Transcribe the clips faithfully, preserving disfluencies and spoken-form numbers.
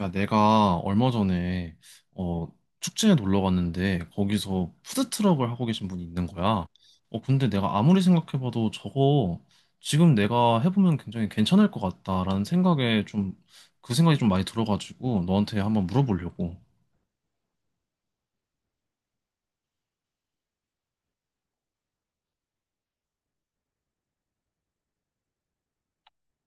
야, 내가 얼마 전에 어, 축제에 놀러 갔는데 거기서 푸드트럭을 하고 계신 분이 있는 거야. 어, 근데 내가 아무리 생각해봐도 저거 지금 내가 해보면 굉장히 괜찮을 것 같다라는 생각에 좀 그 생각이 좀 많이 들어가지고 너한테 한번 물어보려고.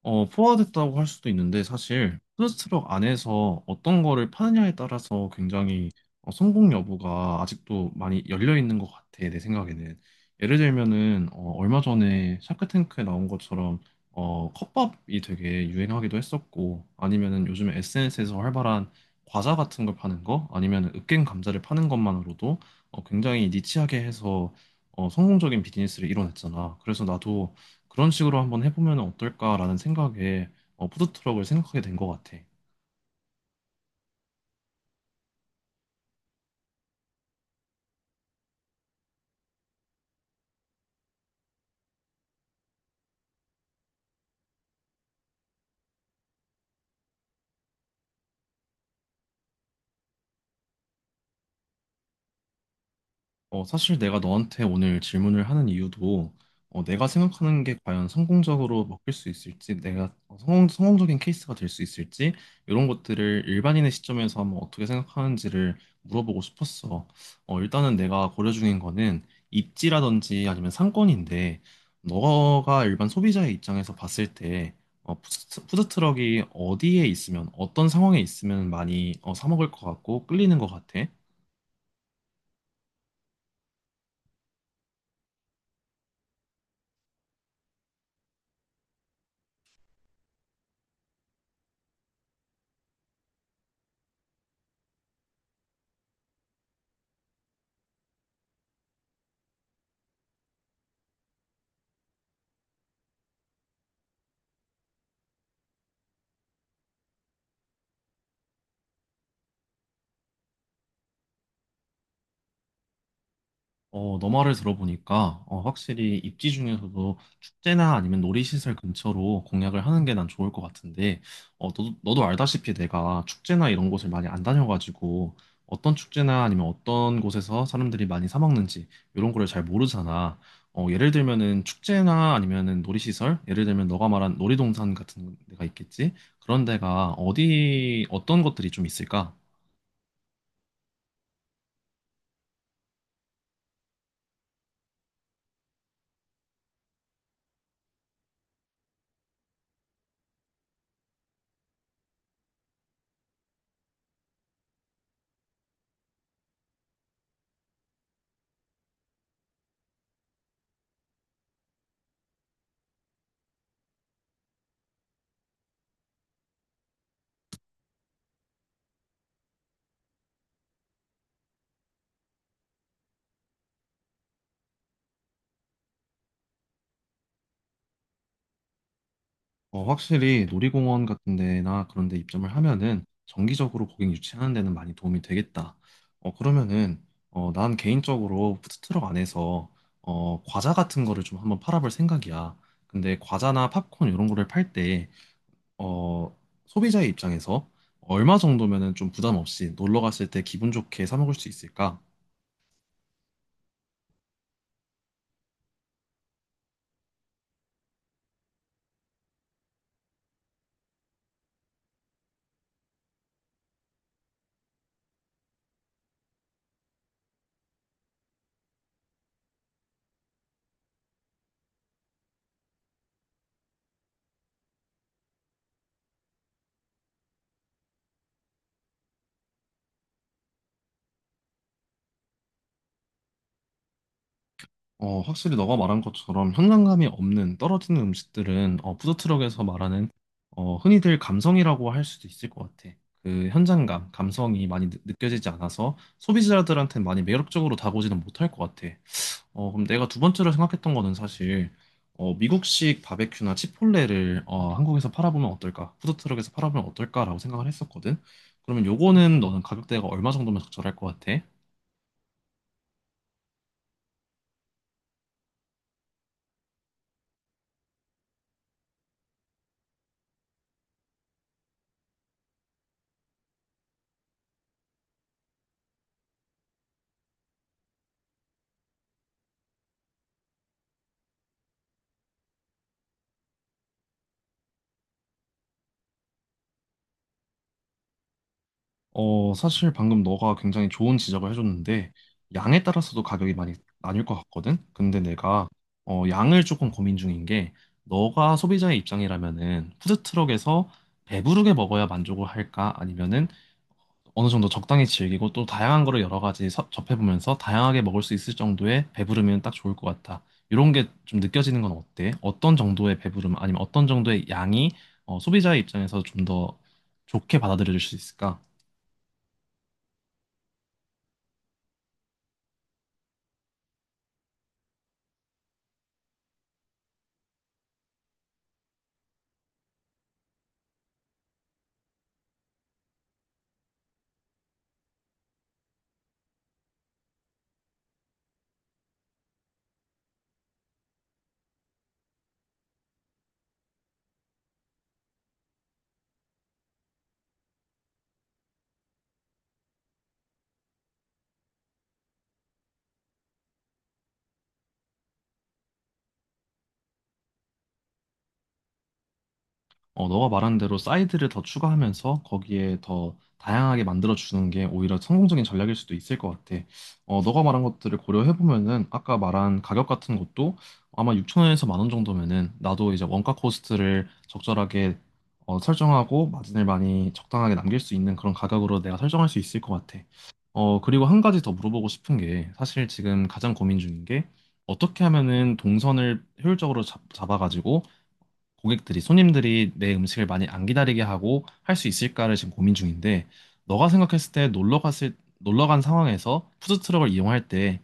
어, 포화됐다고 할 수도 있는데 사실 푸드트럭 안에서 어떤 거를 파느냐에 따라서 굉장히 어, 성공 여부가 아직도 많이 열려 있는 것 같아 내 생각에는. 예를 들면은 어, 얼마 전에 샤크탱크에 나온 것처럼 어, 컵밥이 되게 유행하기도 했었고, 아니면은 요즘에 에스엔에스에서 활발한 과자 같은 걸 파는 거, 아니면은 으깬 감자를 파는 것만으로도 어, 굉장히 니치하게 해서 어, 성공적인 비즈니스를 이뤄냈잖아. 그래서 나도 그런 식으로 한번 해보면 어떨까라는 생각에 어, 푸드트럭을 생각하게 된 것 같아. 어, 사실 내가 너한테 오늘 질문을 하는 이유도 어, 내가 생각하는 게 과연 성공적으로 먹힐 수 있을지, 내가 어, 성공, 성공적인 케이스가 될 수 있을지, 이런 것들을 일반인의 시점에서 한번 어떻게 생각하는지를 물어보고 싶었어. 어, 일단은 내가 고려 중인 거는 입지라든지 아니면 상권인데, 너가 일반 소비자의 입장에서 봤을 때, 어, 푸드- 푸드트럭이 어디에 있으면, 어떤 상황에 있으면 많이 어, 사 먹을 것 같고 끌리는 것 같아? 어, 너 말을 들어보니까 어, 확실히 입지 중에서도 축제나 아니면 놀이시설 근처로 공약을 하는 게 난 좋을 것 같은데, 어, 너도, 너도 알다시피 내가 축제나 이런 곳을 많이 안 다녀가지고 어떤 축제나 아니면 어떤 곳에서 사람들이 많이 사 먹는지 이런 거를 잘 모르잖아. 어, 예를 들면은 축제나 아니면은 놀이시설, 예를 들면 너가 말한 놀이동산 같은 데가 있겠지? 그런 데가 어디 어떤 것들이 좀 있을까? 어, 확실히 놀이공원 같은 데나 그런 데 입점을 하면은 정기적으로 고객 유치하는 데는 많이 도움이 되겠다. 어, 그러면은 어, 난 개인적으로 푸드트럭 안에서 어, 과자 같은 거를 좀 한번 팔아볼 생각이야. 근데 과자나 팝콘 이런 거를 팔 때 어, 소비자의 입장에서 얼마 정도면은 좀 부담 없이 놀러 갔을 때 기분 좋게 사 먹을 수 있을까? 어, 확실히 너가 말한 것처럼 현장감이 없는 떨어지는 음식들은 어, 푸드트럭에서 말하는 어, 흔히들 감성이라고 할 수도 있을 것 같아. 그 현장감, 감성이 많이 느, 껴지지 않아서 소비자들한테 많이 매력적으로 다가오지는 못할 것 같아. 어, 그럼 내가 두 번째로 생각했던 거는 사실 어, 미국식 바베큐나 치폴레를 어, 한국에서 팔아보면 어떨까? 푸드트럭에서 팔아보면 어떨까라고 생각을 했었거든. 그러면 요거는 너는 가격대가 얼마 정도면 적절할 것 같아? 어, 사실 방금 너가 굉장히 좋은 지적을 해줬는데, 양에 따라서도 가격이 많이 나뉠 것 같거든? 근데 내가, 어, 양을 조금 고민 중인 게, 너가 소비자의 입장이라면은, 푸드트럭에서 배부르게 먹어야 만족을 할까? 아니면은, 어느 정도 적당히 즐기고, 또 다양한 거를 여러 가지 서- 접해보면서, 다양하게 먹을 수 있을 정도의 배부르면 딱 좋을 것 같아. 이런 게 좀 느껴지는 건 어때? 어떤 정도의 배부름, 아니면 어떤 정도의 양이, 어, 소비자의 입장에서 좀 더 좋게 받아들여질 수 있을까? 어, 너가 말한 대로 사이드를 더 추가하면서 거기에 더 다양하게 만들어주는 게 오히려 성공적인 전략일 수도 있을 것 같아. 어, 너가 말한 것들을 고려해보면은 아까 말한 가격 같은 것도 아마 육천 원에서 만 원 정도면은 나도 이제 원가 코스트를 적절하게 어, 설정하고 마진을 많이 적당하게 남길 수 있는 그런 가격으로 내가 설정할 수 있을 것 같아. 어, 그리고 한 가지 더 물어보고 싶은 게 사실 지금 가장 고민 중인 게 어떻게 하면은 동선을 효율적으로 잡, 아가지고 고객들이, 손님들이 내 음식을 많이 안 기다리게 하고 할 수 있을까를 지금 고민 중인데, 너가 생각했을 때 놀러 갔을, 놀러 간 상황에서 푸드트럭을 이용할 때,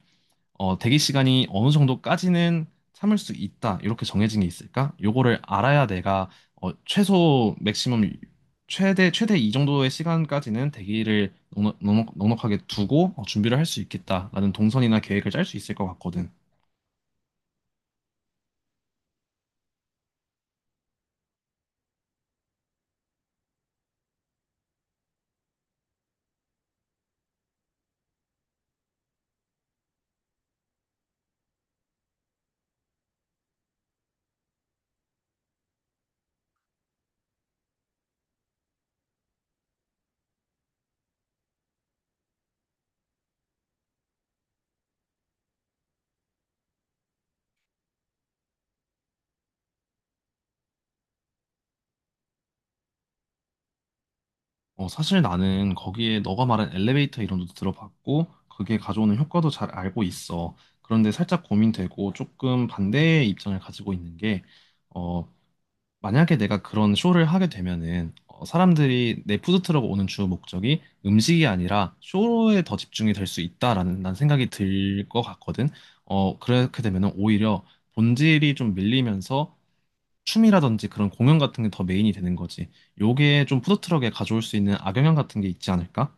어, 대기 시간이 어느 정도까지는 참을 수 있다, 이렇게 정해진 게 있을까? 요거를 알아야 내가, 어, 최소, 맥시멈, 최대, 최대 이 정도의 시간까지는 대기를 넉넉, 넉넉- 하게 두고 어, 준비를 할 수 있겠다라는 동선이나 계획을 짤 수 있을 것 같거든. 어, 사실 나는 거기에 너가 말한 엘리베이터 이론도 들어봤고, 그게 가져오는 효과도 잘 알고 있어. 그런데 살짝 고민되고 조금 반대의 입장을 가지고 있는 게, 어, 만약에 내가 그런 쇼를 하게 되면은, 어, 사람들이 내 푸드트럭 오는 주 목적이 음식이 아니라 쇼에 더 집중이 될 수 있다라는 난 생각이 들 것 같거든. 어, 그렇게 되면은 오히려 본질이 좀 밀리면서 춤이라든지 그런 공연 같은 게 더 메인이 되는 거지. 요게 좀 푸드트럭에 가져올 수 있는 악영향 같은 게 있지 않을까?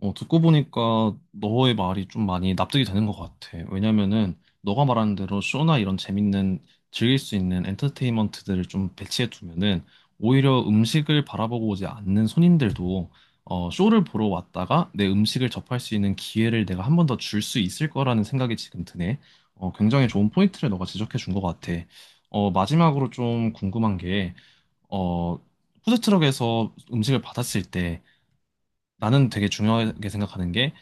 어, 듣고 보니까 너의 말이 좀 많이 납득이 되는 것 같아. 왜냐면은 너가 말하는 대로 쇼나 이런 재밌는 즐길 수 있는 엔터테인먼트들을 좀 배치해 두면은 오히려 음식을 바라보고 오지 않는 손님들도 어, 쇼를 보러 왔다가 내 음식을 접할 수 있는 기회를 내가 한 번 더 줄 수 있을 거라는 생각이 지금 드네. 어, 굉장히 좋은 포인트를 너가 지적해 준 것 같아. 어, 마지막으로 좀 궁금한 게, 어, 푸드트럭에서 음식을 받았을 때 나는 되게 중요하게 생각하는 게,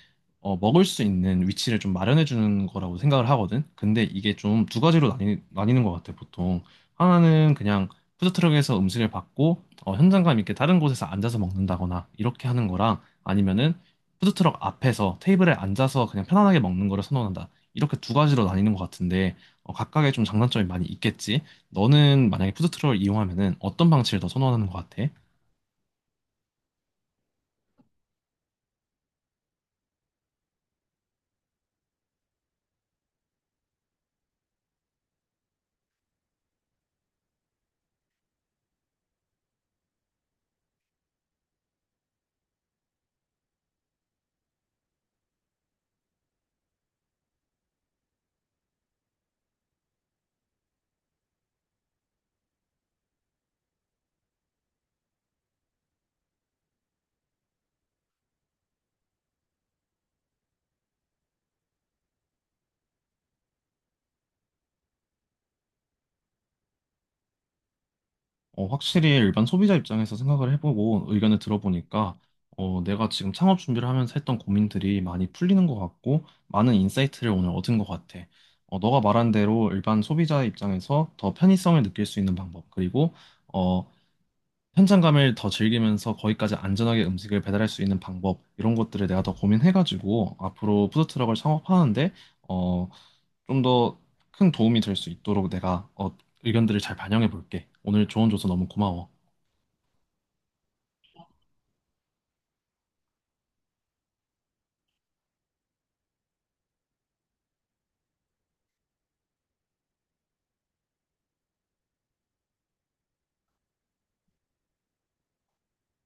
어, 먹을 수 있는 위치를 좀 마련해 주는 거라고 생각을 하거든. 근데 이게 좀 두 가지로 나뉘, 나뉘는 것 같아, 보통. 하나는 그냥 푸드트럭에서 음식을 받고, 어, 현장감 있게 다른 곳에서 앉아서 먹는다거나, 이렇게 하는 거랑, 아니면은 푸드트럭 앞에서 테이블에 앉아서 그냥 편안하게 먹는 거를 선호한다. 이렇게 두 가지로 나뉘는 것 같은데, 어, 각각의 좀 장단점이 많이 있겠지. 너는 만약에 푸드트럭을 이용하면은 어떤 방식을 더 선호하는 것 같아? 어, 확실히 일반 소비자 입장에서 생각을 해보고 의견을 들어보니까 어, 내가 지금 창업 준비를 하면서 했던 고민들이 많이 풀리는 것 같고 많은 인사이트를 오늘 얻은 것 같아. 어, 너가 말한 대로 일반 소비자 입장에서 더 편의성을 느낄 수 있는 방법 그리고 어, 현장감을 더 즐기면서 거기까지 안전하게 음식을 배달할 수 있는 방법, 이런 것들을 내가 더 고민해가지고 앞으로 푸드트럭을 창업하는데 어, 좀 더 큰 도움이 될 수 있도록 내가 어, 의견들을 잘 반영해 볼게. 오늘 조언 줘서 너무 고마워.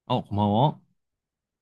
어, 고마워.